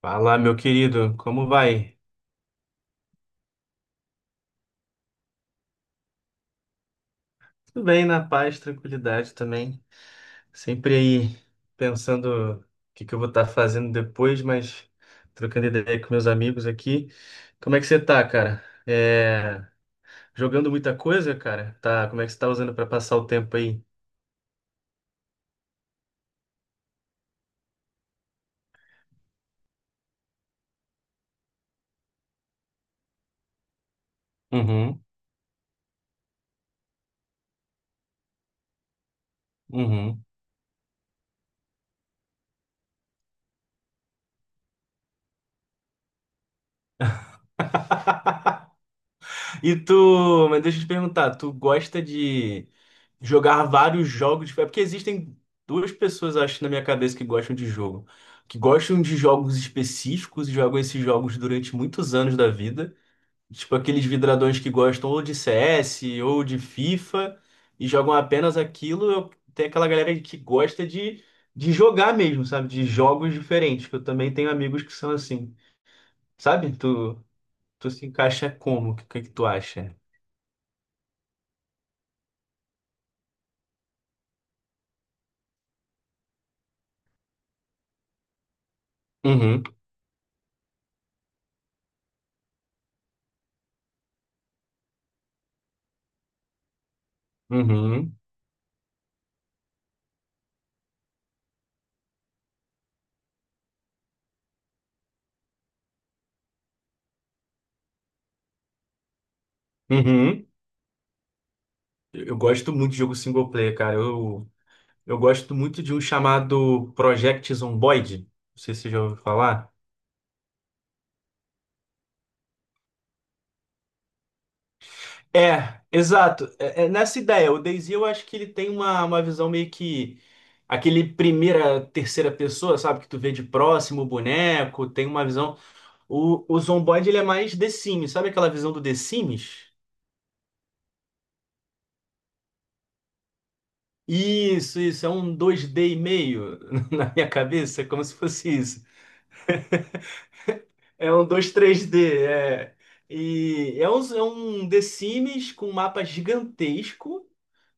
Fala, meu querido, como vai? Tudo bem, na paz, tranquilidade também. Sempre aí pensando o que que eu vou estar fazendo depois, mas trocando ideia com meus amigos aqui. Como é que você tá, cara? Jogando muita coisa, cara? Tá, como é que você tá usando para passar o tempo aí? Uhum, uhum. E tu, mas deixa eu te perguntar, tu gosta de jogar vários jogos? É porque existem duas pessoas, eu acho, na minha cabeça que gostam de jogo. Que gostam de jogos específicos e jogam esses jogos durante muitos anos da vida. Tipo aqueles vidradões que gostam ou de CS ou de FIFA e jogam apenas aquilo. Tem aquela galera que gosta de jogar mesmo, sabe? De jogos diferentes, que eu também tenho amigos que são assim. Sabe? Tu se encaixa como? Que tu acha? Uhum, uhum. Eu gosto muito de jogo single player, cara. Eu gosto muito de um chamado Project Zomboid. Não sei se você já ouviu falar. É, exato. É, é nessa ideia. O DayZ eu acho que ele tem uma visão meio que aquele primeira, terceira pessoa, sabe? Que tu vê de próximo o boneco, tem uma visão. O Zomboid ele é mais The Sims, sabe aquela visão do The Sims? Isso, é um dois d e meio na minha cabeça, é como se fosse isso. É um dois três d é. E é um The Sims com um mapa gigantesco,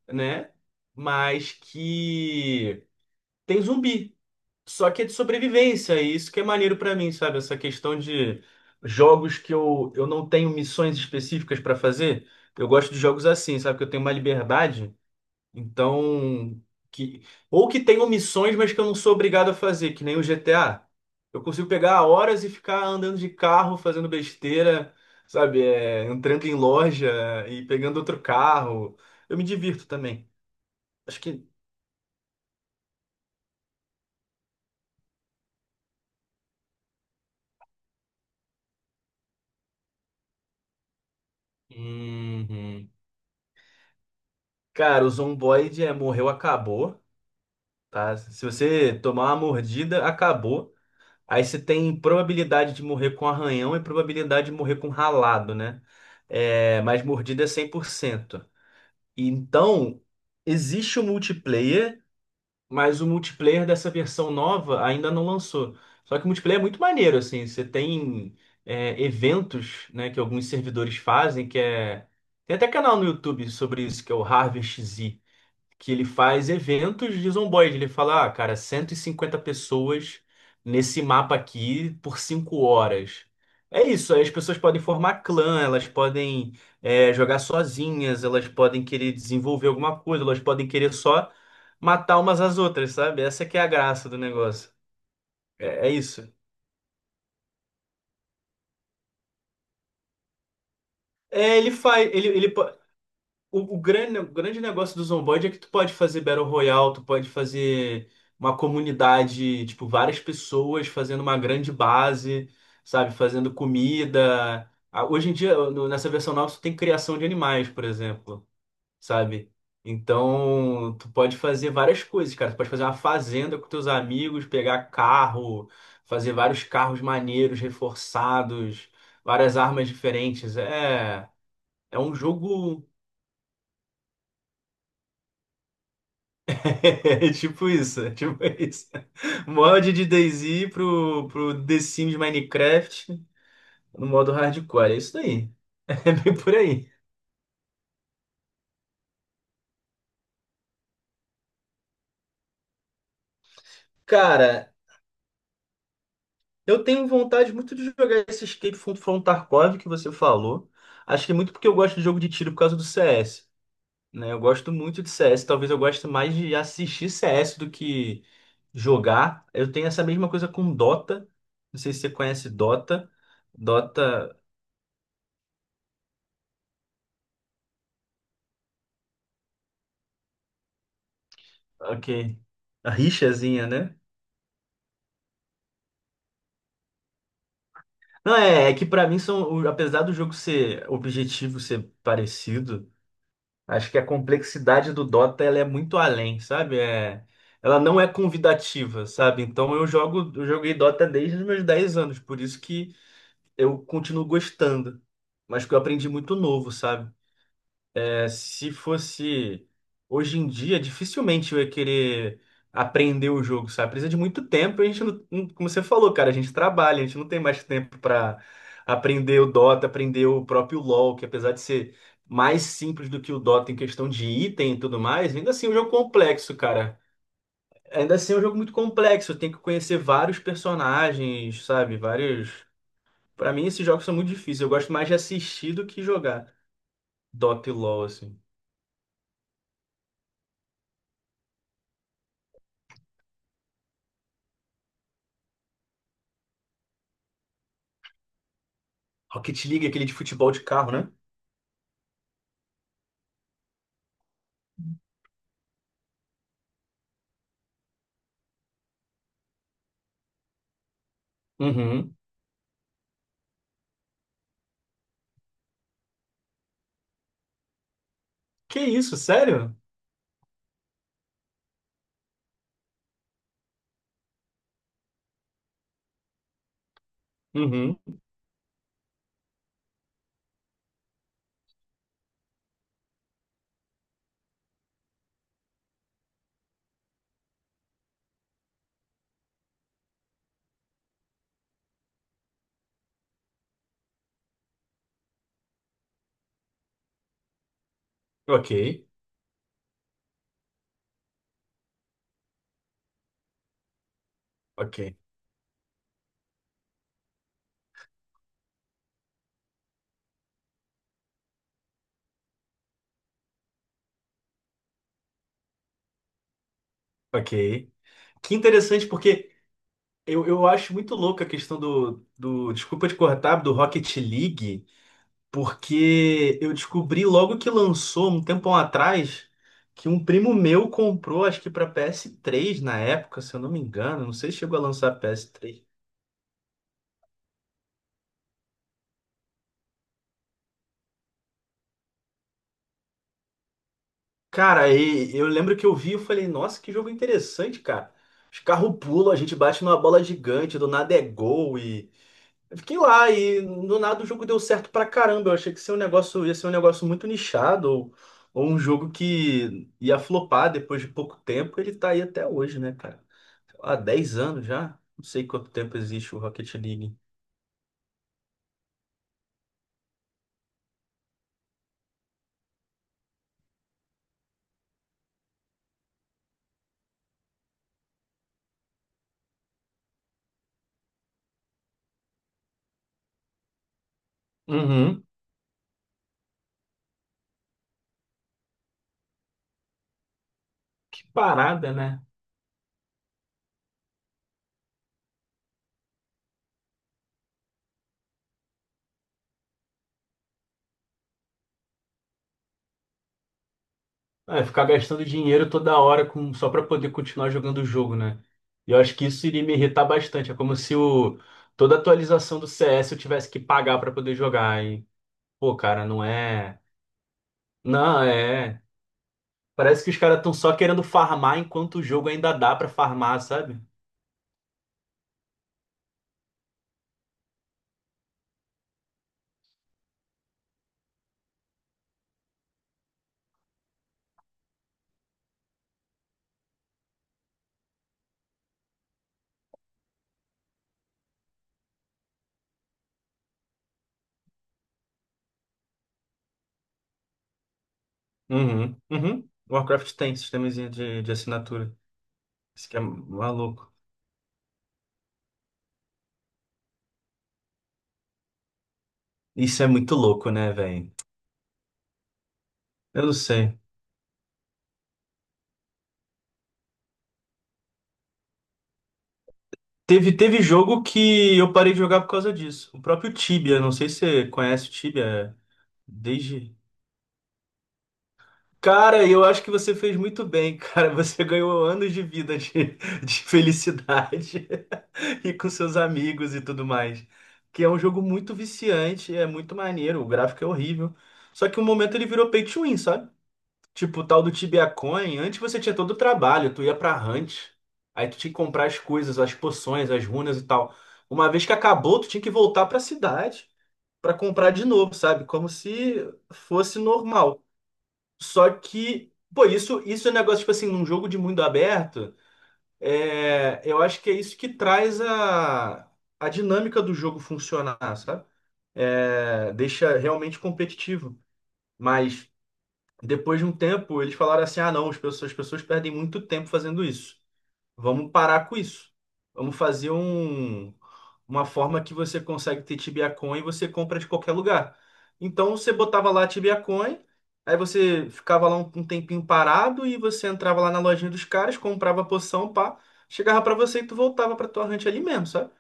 né? Mas que tem zumbi. Só que é de sobrevivência, e isso que é maneiro pra mim, sabe? Essa questão de jogos que eu não tenho missões específicas pra fazer. Eu gosto de jogos assim, sabe? Que eu tenho uma liberdade. Então, que ou que tenham missões, mas que eu não sou obrigado a fazer, que nem o GTA. Eu consigo pegar horas e ficar andando de carro, fazendo besteira, sabe? É, entrando em loja e pegando outro carro. Eu me divirto também. Acho que. Uhum. Cara, o Zomboid é morreu, acabou, tá? Se você tomar uma mordida, acabou. Aí você tem probabilidade de morrer com arranhão e probabilidade de morrer com ralado, né? É, mas mordida é cem por cento. Então, existe o multiplayer, mas o multiplayer dessa versão nova ainda não lançou. Só que o multiplayer é muito maneiro, assim. Você tem eventos, né, que alguns servidores fazem, que é... Tem até canal no YouTube sobre isso, que é o Harvest Z, que ele faz eventos de zomboide. Ele fala, ah, cara, 150 pessoas nesse mapa aqui por 5 horas. É isso, aí as pessoas podem formar clã, elas podem jogar sozinhas, elas podem querer desenvolver alguma coisa, elas podem querer só matar umas às outras, sabe? Essa que é a graça do negócio. É, é isso. É, ele faz, ele, o grande negócio do Zomboid é que tu pode fazer Battle Royale, tu pode fazer uma comunidade, tipo, várias pessoas fazendo uma grande base, sabe? Fazendo comida. Ah, hoje em dia, nessa versão nova, tu tem criação de animais, por exemplo, sabe? Então, tu pode fazer várias coisas, cara. Tu pode fazer uma fazenda com teus amigos, pegar carro, fazer vários carros maneiros, reforçados, várias armas diferentes. É, é um jogo. É tipo isso, é tipo isso. Mod de DayZ pro The Sims Minecraft no modo hardcore. É isso daí. É bem por aí. Cara, eu tenho vontade muito de jogar esse Escape from Tarkov que você falou. Acho que é muito porque eu gosto de jogo de tiro por causa do CS, né? Eu gosto muito de CS. Talvez eu goste mais de assistir CS do que jogar. Eu tenho essa mesma coisa com Dota. Não sei se você conhece Dota. Dota, ok. A rixazinha, né? Não, é, é que pra mim são, apesar do jogo ser objetivo, ser parecido, acho que a complexidade do Dota ela é muito além, sabe? É, ela não é convidativa, sabe? Então eu jogo, eu joguei Dota desde os meus 10 anos, por isso que eu continuo gostando. Mas que eu aprendi muito novo, sabe? É, se fosse hoje em dia, dificilmente eu ia querer aprender o jogo, sabe? Precisa de muito tempo e a gente como você falou, cara, a gente trabalha, a gente não tem mais tempo pra aprender o Dota, aprender o próprio LoL, que apesar de ser mais simples do que o Dota em questão de item e tudo mais, ainda assim é um jogo complexo, cara. Ainda assim é um jogo muito complexo, tem que conhecer vários personagens, sabe? Vários. Pra mim, esses jogos são muito difíceis. Eu gosto mais de assistir do que jogar Dota e LoL, assim. Rocket League, aquele de futebol de carro, né? Uhum. Que isso, sério? Uhum. Ok, ok, ok. Que interessante, porque eu acho muito louca a questão do, do. Desculpa te cortar, do Rocket League, porque eu descobri logo que lançou, um tempão atrás, que um primo meu comprou, acho que para PS3 na época, se eu não me engano, não sei se chegou a lançar PS3. Cara, e eu lembro que eu vi e falei, nossa, que jogo interessante, cara. Os carros pulam, a gente bate numa bola gigante, do nada é gol e. Eu fiquei lá e do nada o jogo deu certo pra caramba. Eu achei que ia ser um negócio, ia ser um negócio muito nichado, ou um jogo que ia flopar depois de pouco tempo. Ele tá aí até hoje, né, cara? Há 10 anos já. Não sei quanto tempo existe o Rocket League. Uhum. Que parada, né? É, ficar gastando dinheiro toda hora com, só para poder continuar jogando o jogo, né? E eu acho que isso iria me irritar bastante. É como se o, toda atualização do CS eu tivesse que pagar para poder jogar. E, pô, cara, não é. Não, é. Parece que os caras estão só querendo farmar enquanto o jogo ainda dá para farmar, sabe? Uhum, uhum. Warcraft tem sistemazinho de assinatura. Isso que é maluco. Isso é muito louco, né, velho? Eu não sei. Teve jogo que eu parei de jogar por causa disso. O próprio Tibia, não sei se você conhece o Tibia é, desde. Cara, eu acho que você fez muito bem, cara. Você ganhou anos de vida de felicidade e com seus amigos e tudo mais. Que é um jogo muito viciante, é muito maneiro, o gráfico é horrível. Só que um momento ele virou pay to win, sabe? Tipo, o tal do Tibia Coin, antes você tinha todo o trabalho, tu ia pra hunt, aí tu tinha que comprar as coisas, as poções, as runas e tal. Uma vez que acabou, tu tinha que voltar pra cidade pra comprar de novo, sabe? Como se fosse normal. Só que, pô, isso é um negócio, tipo assim, num jogo de mundo aberto, é, eu acho que é isso que traz a dinâmica do jogo funcionar, sabe? É, deixa realmente competitivo. Mas. Depois de um tempo, eles falaram assim: ah, não, as pessoas perdem muito tempo fazendo isso. Vamos parar com isso. Vamos fazer um, uma forma que você consegue ter Tibiacoin e você compra de qualquer lugar. Então você botava lá Tibiacoin, aí você ficava lá um, um tempinho parado e você entrava lá na lojinha dos caras, comprava a poção, pá, chegava pra você e tu voltava pra tua ranch ali mesmo, sabe?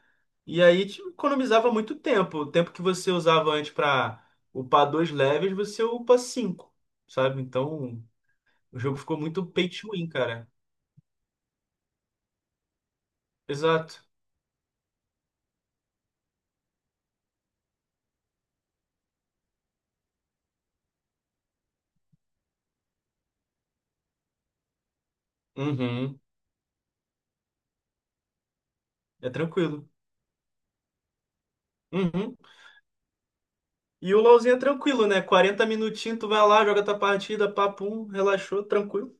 E aí te economizava muito tempo. O tempo que você usava antes para upar 2 levels, você upa 5, sabe? Então o jogo ficou muito pay to win, cara. Exato. Uhum. É tranquilo. Uhum. E o LoLzinho é tranquilo, né? 40 minutinhos, tu vai lá, joga tua partida, papum, relaxou, tranquilo.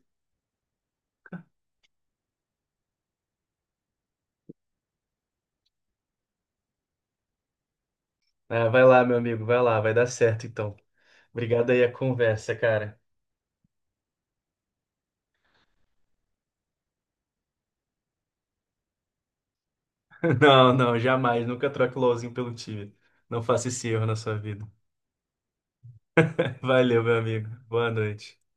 Ah, vai lá, meu amigo, vai lá, vai dar certo então. Obrigado aí a conversa, cara. Não, não, jamais. Nunca troque o LoLzinho pelo time. Não faça esse erro na sua vida. Valeu, meu amigo. Boa noite.